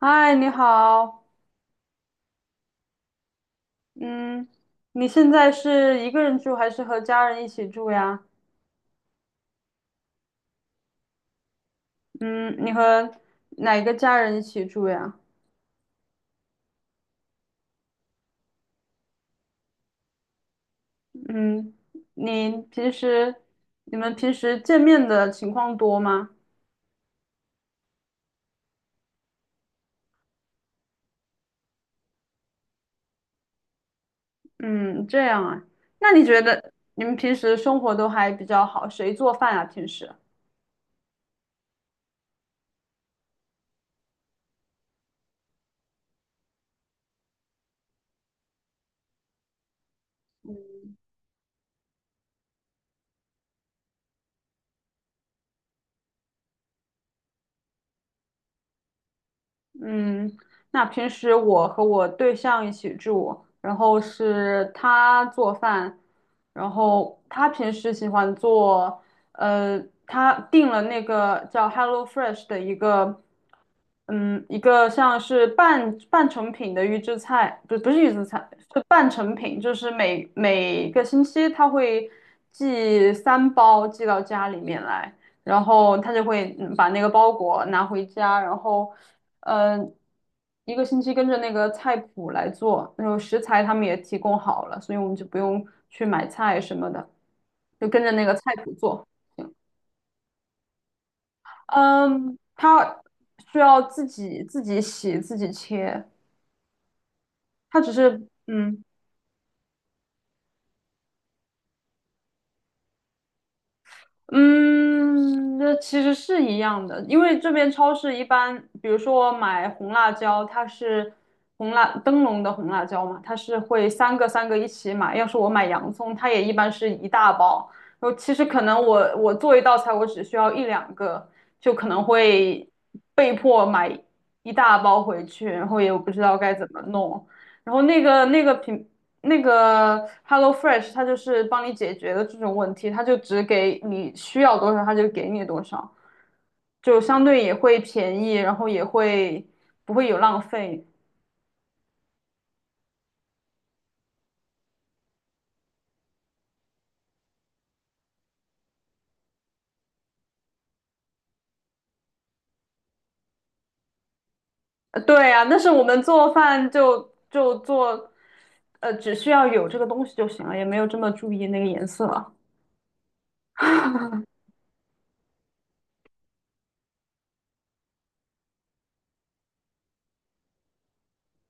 嗨，你好，嗯，你现在是一个人住还是和家人一起住呀？嗯，哪个家人一起住呀？嗯，你平时你们平时见面的情况多吗？嗯，这样啊，那你觉得你们平时生活都还比较好，谁做饭啊？平时？嗯，那平时我和我对象一起住，然后是他做饭，然后他平时喜欢做，呃，他订了那个叫 HelloFresh 的一个，嗯，一个像是半成品的预制菜，不是预制菜，是半成品，就是每个星期他会寄三包寄到家里面来。然后他就会把那个包裹拿回家，然后，嗯，一个星期跟着那个菜谱来做，然后食材他们也提供好了，所以我们就不用去买菜什么的，就跟着那个菜谱做。嗯，他需要自己洗自己切，他只是嗯。嗯，那其实是一样的，因为这边超市一般，比如说我买红辣椒，它是红辣灯笼的红辣椒嘛，它是会三个三个一起买。要是我买洋葱，它也一般是一大包。然后其实可能我做一道菜，我只需要一两个，就可能会被迫买一大包回去，然后也不知道该怎么弄。然后那个那个品那个 HelloFresh，它就是帮你解决的这种问题，它就只给你需要多少，它就给你多少，就相对也会便宜，然后也会不会有浪费。呃对啊，但是我们做饭就做，呃，只需要有这个东西就行了，也没有这么注意那个颜色。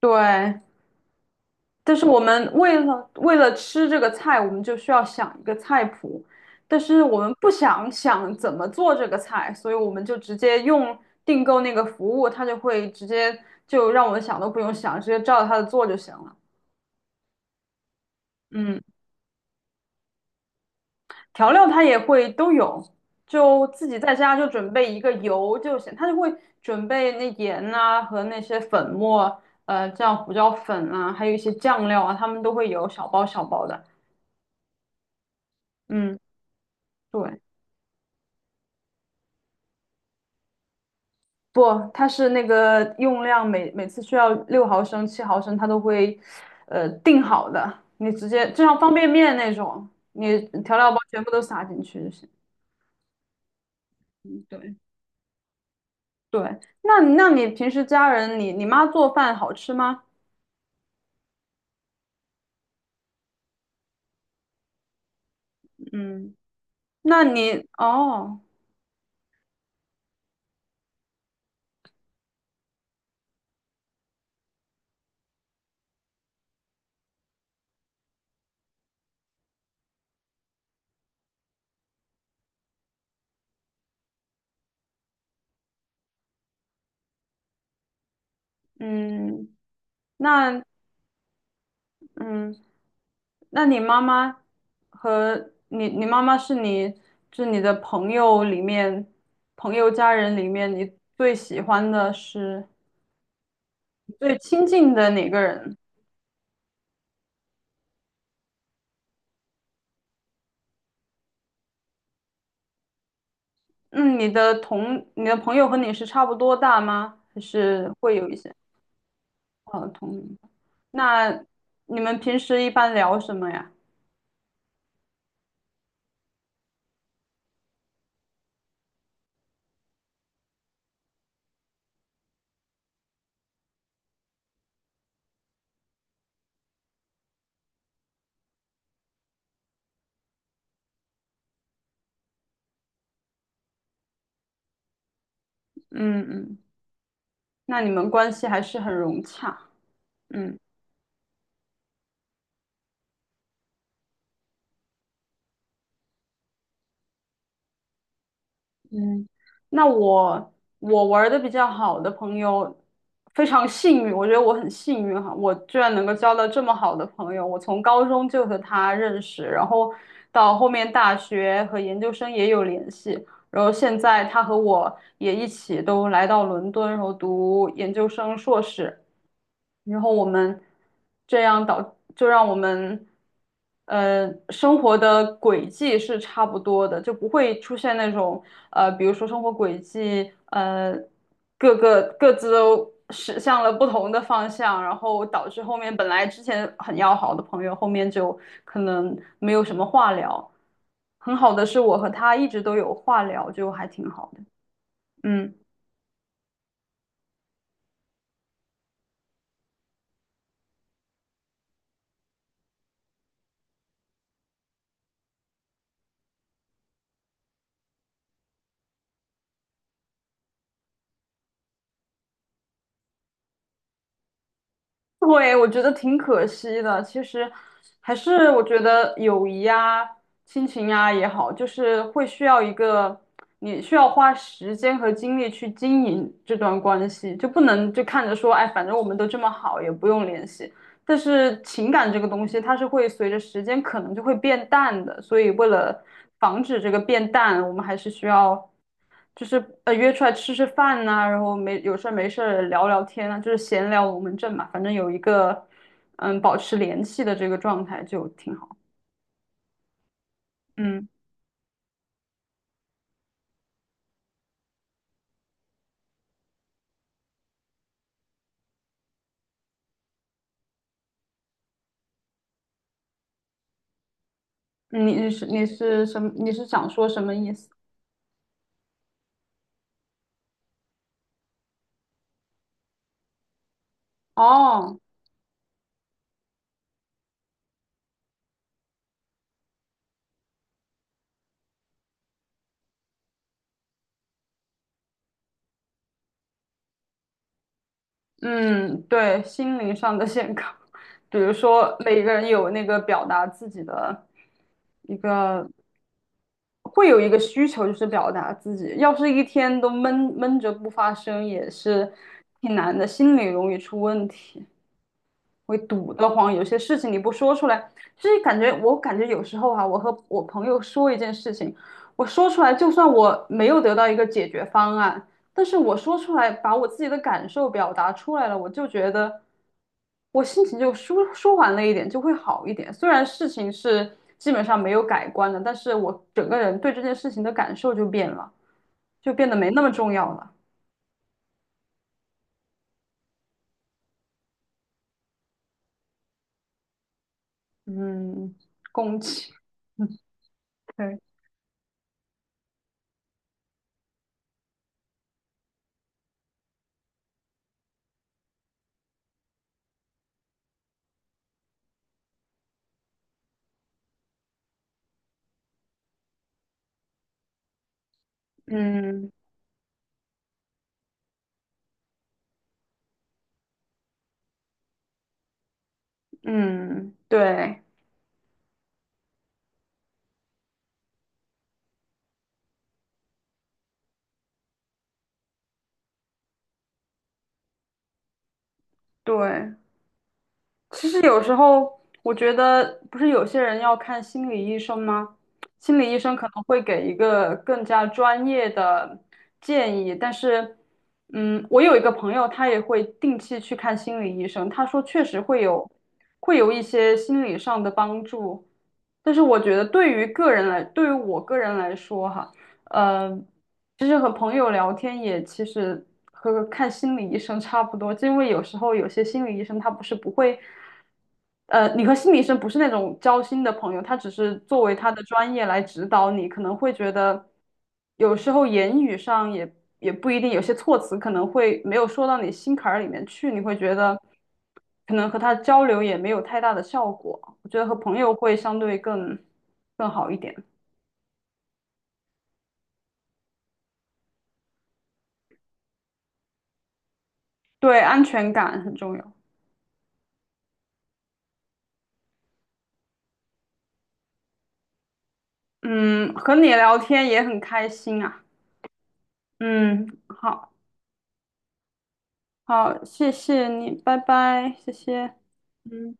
对，但是我们为了吃这个菜，我们就需要想一个菜谱，但是我们不想想怎么做这个菜，所以我们就直接用订购那个服务，他就会直接就让我们想都不用想，直接照着他的做就行了。嗯，调料它也会都有，就自己在家就准备一个油就行，它就会准备那盐啊和那些粉末，呃，这样胡椒粉啊，还有一些酱料啊，他们都会有小包小包的。嗯，对。不，它是那个用量每次需要六毫升、七毫升，它都会定好的。你直接就像方便面那种，你调料包全部都撒进去就行。嗯，对，对，那那你平时家人，你妈做饭好吃吗？嗯，那你哦，嗯，那嗯，那你妈妈是你是你的朋友里面朋友家人里面你最喜欢的是？最亲近的哪个人？嗯，你的朋友和你是差不多大吗？还是会有一些呃同龄的？那你们平时一般聊什么呀？嗯嗯，那你们关系还是很融洽。嗯嗯，那我玩的比较好的朋友非常幸运，我觉得我很幸运哈，我居然能够交到这么好的朋友。我从高中就和他认识，然后到后面大学和研究生也有联系。然后现在他和我也一起都来到伦敦，然后读研究生、硕士。然后我们这样导，就让我们生活的轨迹是差不多的，就不会出现那种呃，比如说生活轨迹各自都驶向了不同的方向，然后导致后面本来之前很要好的朋友，后面就可能没有什么话聊。很好的是，我和他一直都有话聊，就还挺好的。嗯，对，我觉得挺可惜的。其实还是我觉得友谊呀、亲情呀也好，就是会需要一个你需要花时间和精力去经营这段关系，就不能就看着说，哎，反正我们都这么好，也不用联系。但是情感这个东西，它是会随着时间可能就会变淡的，所以为了防止这个变淡，我们还是需要，就是约出来吃吃饭呐、然后没事儿聊聊天啊，就是闲聊龙门阵嘛，反正有一个保持联系的这个状态就挺好。嗯，你是什么？你是想说什么意思？哦。嗯，对，心灵上的健康，比如说每个人有那个表达自己的一个，会有一个需求，就是表达自己。要是一天都闷着不发声，也是挺难的，心理容易出问题。会堵得慌，有些事情你不说出来，就是感觉感觉有时候哈，我和我朋友说一件事情，我说出来，就算我没有得到一个解决方案，但是我说出来，把我自己的感受表达出来了，我就觉得我心情就舒缓了一点，就会好一点。虽然事情是基本上没有改观的，但是我整个人对这件事情的感受就变了，就变得没那么重要了。嗯，共情，嗯，对，嗯。嗯，对对，其实有时候我觉得，不是有些人要看心理医生吗？心理医生可能会给一个更加专业的建议，但是，嗯，我有一个朋友，他也会定期去看心理医生，他说确实会有会有一些心理上的帮助，但是我觉得对于个人来，对于我个人来说哈。呃，其实和朋友聊天也其实和看心理医生差不多，就因为有时候有些心理医生他不是不会，呃，你和心理医生不是那种交心的朋友，他只是作为他的专业来指导你，可能会觉得有时候言语上也也不一定，有些措辞可能会没有说到你心坎儿里面去，你会觉得可能和他交流也没有太大的效果，我觉得和朋友会相对更好一点，对，安全感很重要。嗯，和你聊天也很开心啊。嗯，好，好，谢谢你，拜拜，谢谢。嗯。